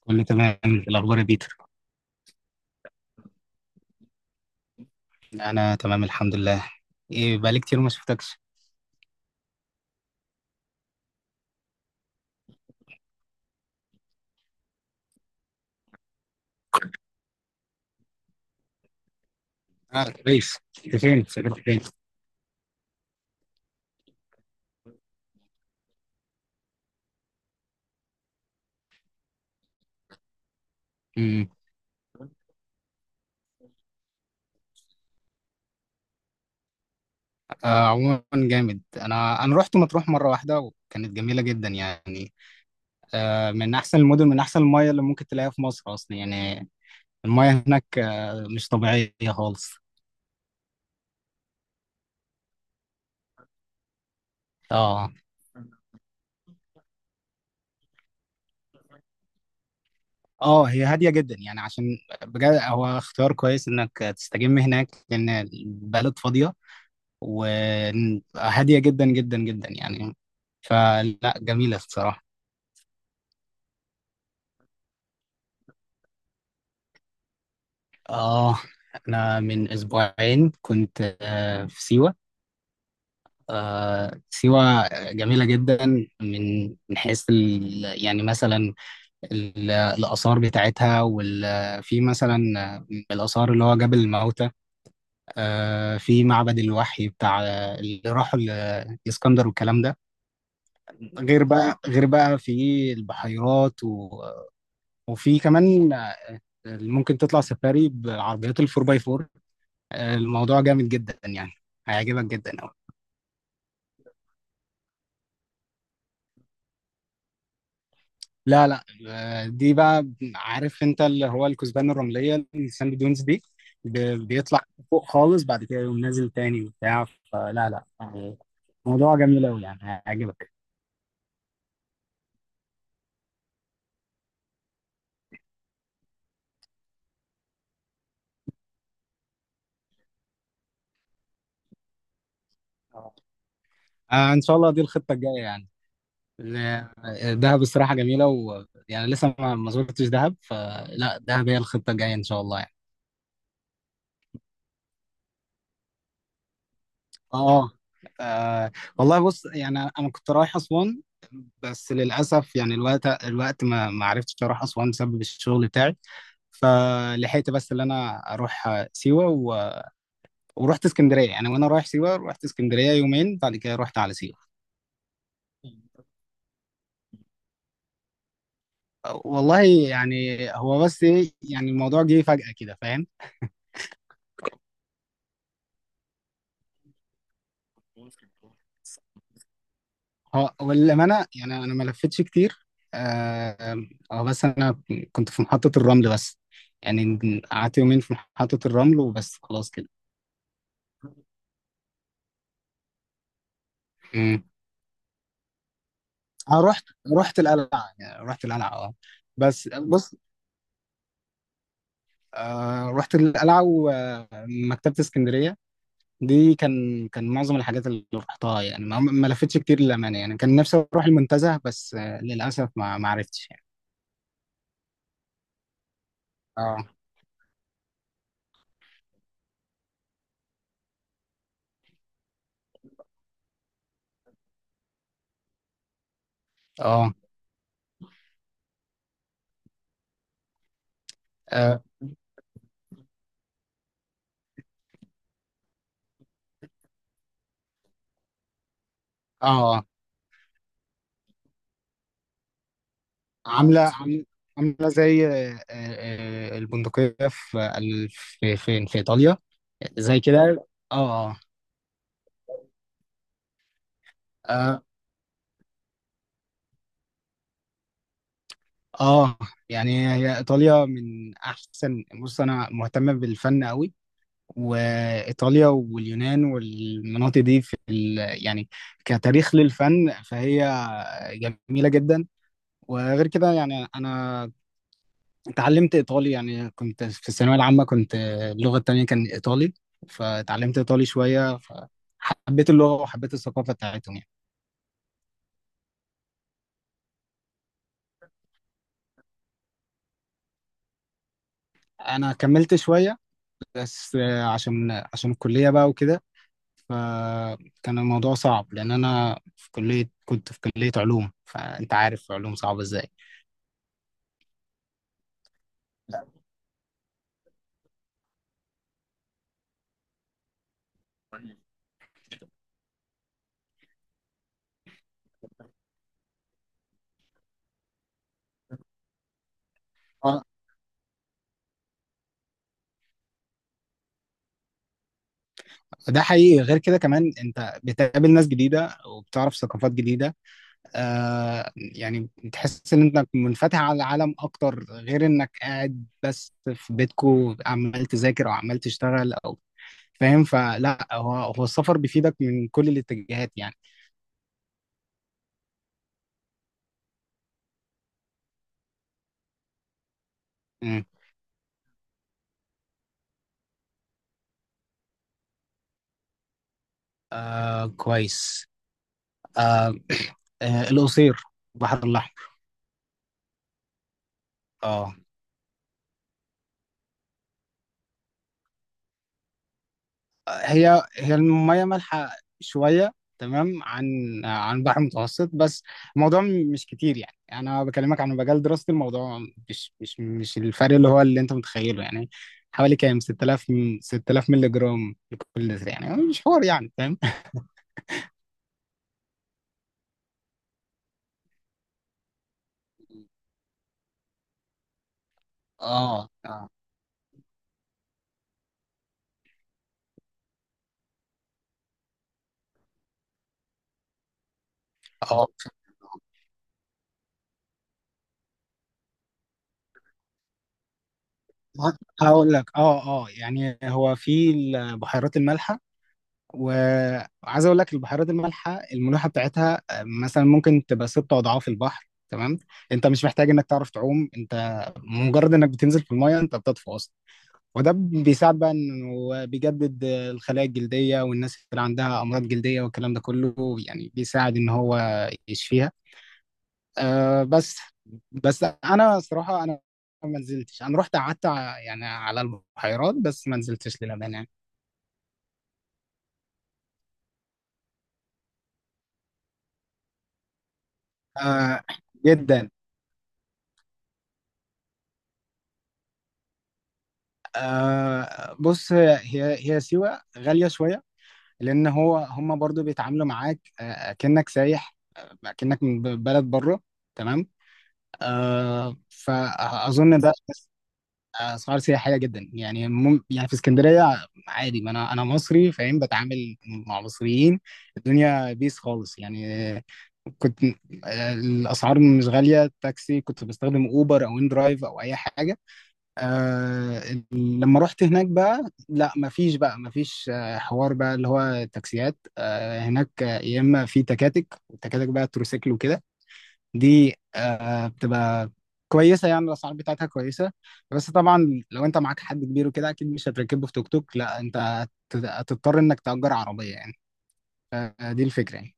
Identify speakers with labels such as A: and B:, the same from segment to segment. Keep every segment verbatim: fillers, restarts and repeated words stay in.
A: كله تمام الأخبار يا بيتر. أنا تمام الحمد لله. إيه بقالي كتير ما شفتكش. آه كويس. أنت فين؟ سافرت فين؟ امم آه عموما جامد. أنا أنا رحت مطروح مرة واحدة وكانت جميلة جدا يعني. آه من أحسن المدن، من أحسن المياه اللي ممكن تلاقيها في مصر أصلا يعني. المياه هناك آه مش طبيعية خالص. اه اه، هي هاديه جدا يعني عشان بجد هو اختيار كويس انك تستجم هناك لان البلد فاضيه وهادية جدا جدا جدا يعني، فلا جميلة الصراحة. آه أنا من أسبوعين كنت آه في سيوة. آه سيوة جميلة جدا. من من حيث ال- يعني مثلا ال- الآثار بتاعتها، وفي مثلا من الآثار اللي هو جبل الموتى، آه في معبد الوحي بتاع اللي راحوا الإسكندر والكلام ده. غير بقى غير بقى في البحيرات، وفي كمان آه، ممكن تطلع سفاري بعربيات الفور باي فور. الموضوع جامد جدا يعني، هيعجبك جدا أوي. لا لا آه، دي بقى عارف انت اللي هو الكثبان الرملية الساند دونز دي، ب- بيطلع فوق خالص بعد كده يقوم نازل تاني وبتاع. فلا لا يعني، موضوع جميل أوي يعني هيعجبك. آه آه، ان شاء الله دي الخطه الجايه يعني. ال- دهب الصراحه جميله، ويعني لسه ما ما زرتش دهب، فلا دهب هي الخطه الجايه ان شاء الله. اه آه، والله بص يعني انا كنت رايح اسوان، بس للاسف يعني الوقت الوقت ما ما عرفتش اروح اسوان بسبب الشغل بتاعي. فلحقت بس اللي انا اروح آه، سيوه و... ورحت اسكندريه يعني، وانا رايح سيوه رحت اسكندريه يومين بعد كده رحت على سيوه. آه، والله يعني هو بس إيه، يعني الموضوع جه فجأة كده. فاهم. هو والأمانة يعني أنا ما لفتش كتير. آه آه، بس أنا كنت في محطة الرمل بس يعني، قعدت يومين في محطة الرمل وبس خلاص كده. امم أنا رحت، رحت القلعة يعني رحت القلعة أه. بس بص، آه رحت القلعة ومكتبة اسكندرية، دي كان كان معظم الحاجات اللي رحتها يعني ما ما لفتش كتير للأمانة يعني. كان نفسي أروح المنتزه بس آه للأسف ما ما عرفتش يعني. أه أه أه، عامله عام- عامله زي آه، آه، آه، البندقيه في ال- في فين في ايطاليا، زي كده. اه اه اه آه. يعني هي ايطاليا من احسن، بص انا مهتم بالفن قوي، وايطاليا واليونان والمناطق دي في ال... يعني كتاريخ للفن فهي جميله جدا. وغير كده يعني انا اتعلمت ايطالي يعني كنت في الثانويه العامه، كنت اللغه التانية كان ايطالي، فاتعلمت ايطالي شويه فحبيت اللغه وحبيت الثقافه بتاعتهم يعني. انا كملت شويه بس عشان عشان الكليه بقى وكده فكان الموضوع صعب لان انا في كليه، كنت في كليه علوم، فانت عارف علوم صعبه ازاي. اه ده حقيقي، غير كده كمان انت بتقابل ناس جديده وبتعرف ثقافات جديده. آه يعني تحس ان انك منفتح على العالم اكتر غير انك قاعد بس في بيتكو عمال تذاكر او عمال تشتغل او فاهم. فلا هو هو السفر بيفيدك من كل الاتجاهات يعني. مم. آه كويس. آه آه القصير، البحر الاحمر. اه هي هي المية مالحة شوية، تمام، عن عن البحر المتوسط، بس الموضوع م- مش كتير يعني، أنا بكلمك عن مجال دراستي، الموضوع مش مش مش الفرق اللي هو اللي أنت متخيله يعني، حوالي كام ستة آلاف م- ستة آلاف مللي جرام لكل لتر يعني مش حوار يعني فاهم. اه اه اه هقول لك اه اه يعني هو في البحيرات المالحة، وعايز اقول لك البحيرات المالحه الملوحه بتاعتها آه، مثلا ممكن تبقى ست اضعاف البحر. تمام، انت مش محتاج انك تعرف تعوم، انت مجرد انك بتنزل في المايه انت بتطفو اصلا، وده بيساعد بقى انه بيجدد آه، الخلايا الجلديه والناس اللي عندها امراض جلديه والكلام ده كله، يعني بيساعد ان هو يشفيها. أه بس، بس انا صراحه انا ما نزلتش، انا رحت قعدت ع- يعني على البحيرات بس ما نزلتش للامانه يعني. أه جدا، آه بص هي هي هي سيوة غالية شوية، لأن هو هم برضو بيتعاملوا معاك آه كأنك سايح آه كأنك من ب- بلد بره. تمام، آه فأظن ده آه، أسعار سياحية جدا يعني مم يعني في اسكندرية عادي، ما أنا أنا مصري فاهم بتعامل مع مصريين، الدنيا بيس خالص يعني آه، كنت آه الأسعار مش غالية، تاكسي كنت بستخدم أوبر أو إن درايف أو أي حاجة. آه ال- لما رحت هناك بقى لا مفيش بقى مفيش آه حوار بقى اللي هو تاكسيات آه هناك آه، يا اما في تكاتك والتكاتك بقى تروسيكل وكده. دي آه بتبقى كويسه يعني الاسعار بتاعتها كويسه. بس طبعا لو انت معاك حد كبير وكده اكيد مش هتركبه في توك توك، لا انت هت- هتضطر انك تأجر عربيه يعني. فدي الفكره يعني.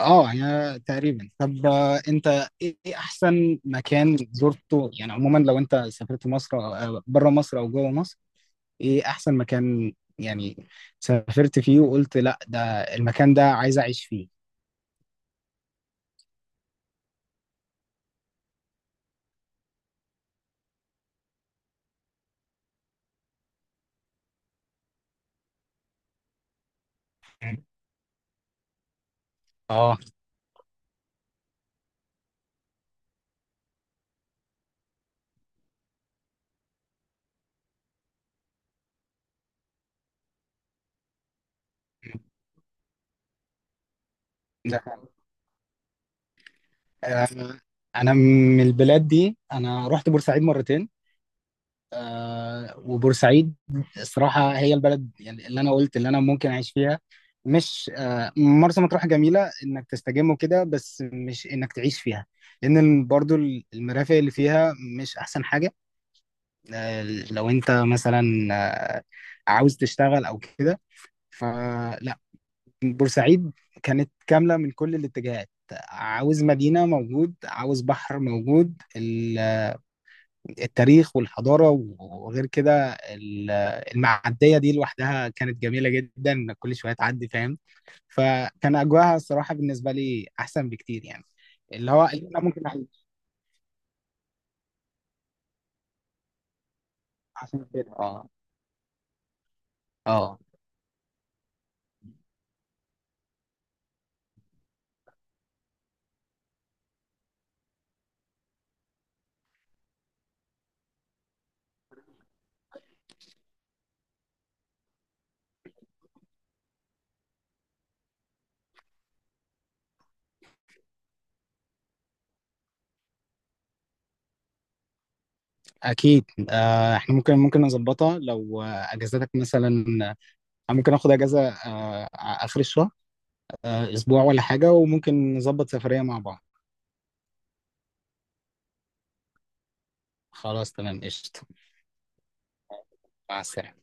A: اه يعني تقريبا. طب آه، انت ايه إيه احسن مكان زرته يعني عموما لو انت سافرت مصر او بره مصر او جوه مصر، ايه احسن مكان يعني سافرت فيه وقلت لا ده المكان، ده عايز اعيش فيه. اه ده آه، انا من البلاد دي انا رحت بورسعيد مرتين. آه وبورسعيد الصراحه هي البلد يعني اللي انا قلت اللي انا ممكن اعيش فيها، مش آه مرسى مطروح جميله انك تستجم وكده بس مش انك تعيش فيها، لان ال- برضو ال- المرافق اللي فيها مش احسن حاجه. آه لو انت مثلا آه عاوز تشتغل او كده، فلا بورسعيد كانت كامله من كل الاتجاهات، عاوز مدينه موجود عاوز بحر موجود، ال- التاريخ والحضاره، وغير كده ال- المعديه دي لوحدها كانت جميله جدا، كل شويه تعدي فاهم. فكان اجواها الصراحه بالنسبه لي احسن بكتير يعني، اللي هو اللي انا ممكن اعيش. عشان كده اه. اه اكيد، آه احنا ممكن ممكن نظبطها لو آه، اجازتك مثلا آه، ممكن اخد اجازه آه اخر الشهر آه اسبوع ولا حاجه، وممكن نظبط سفريه مع بعض. خلاص تمام قشطه. مع السلامه.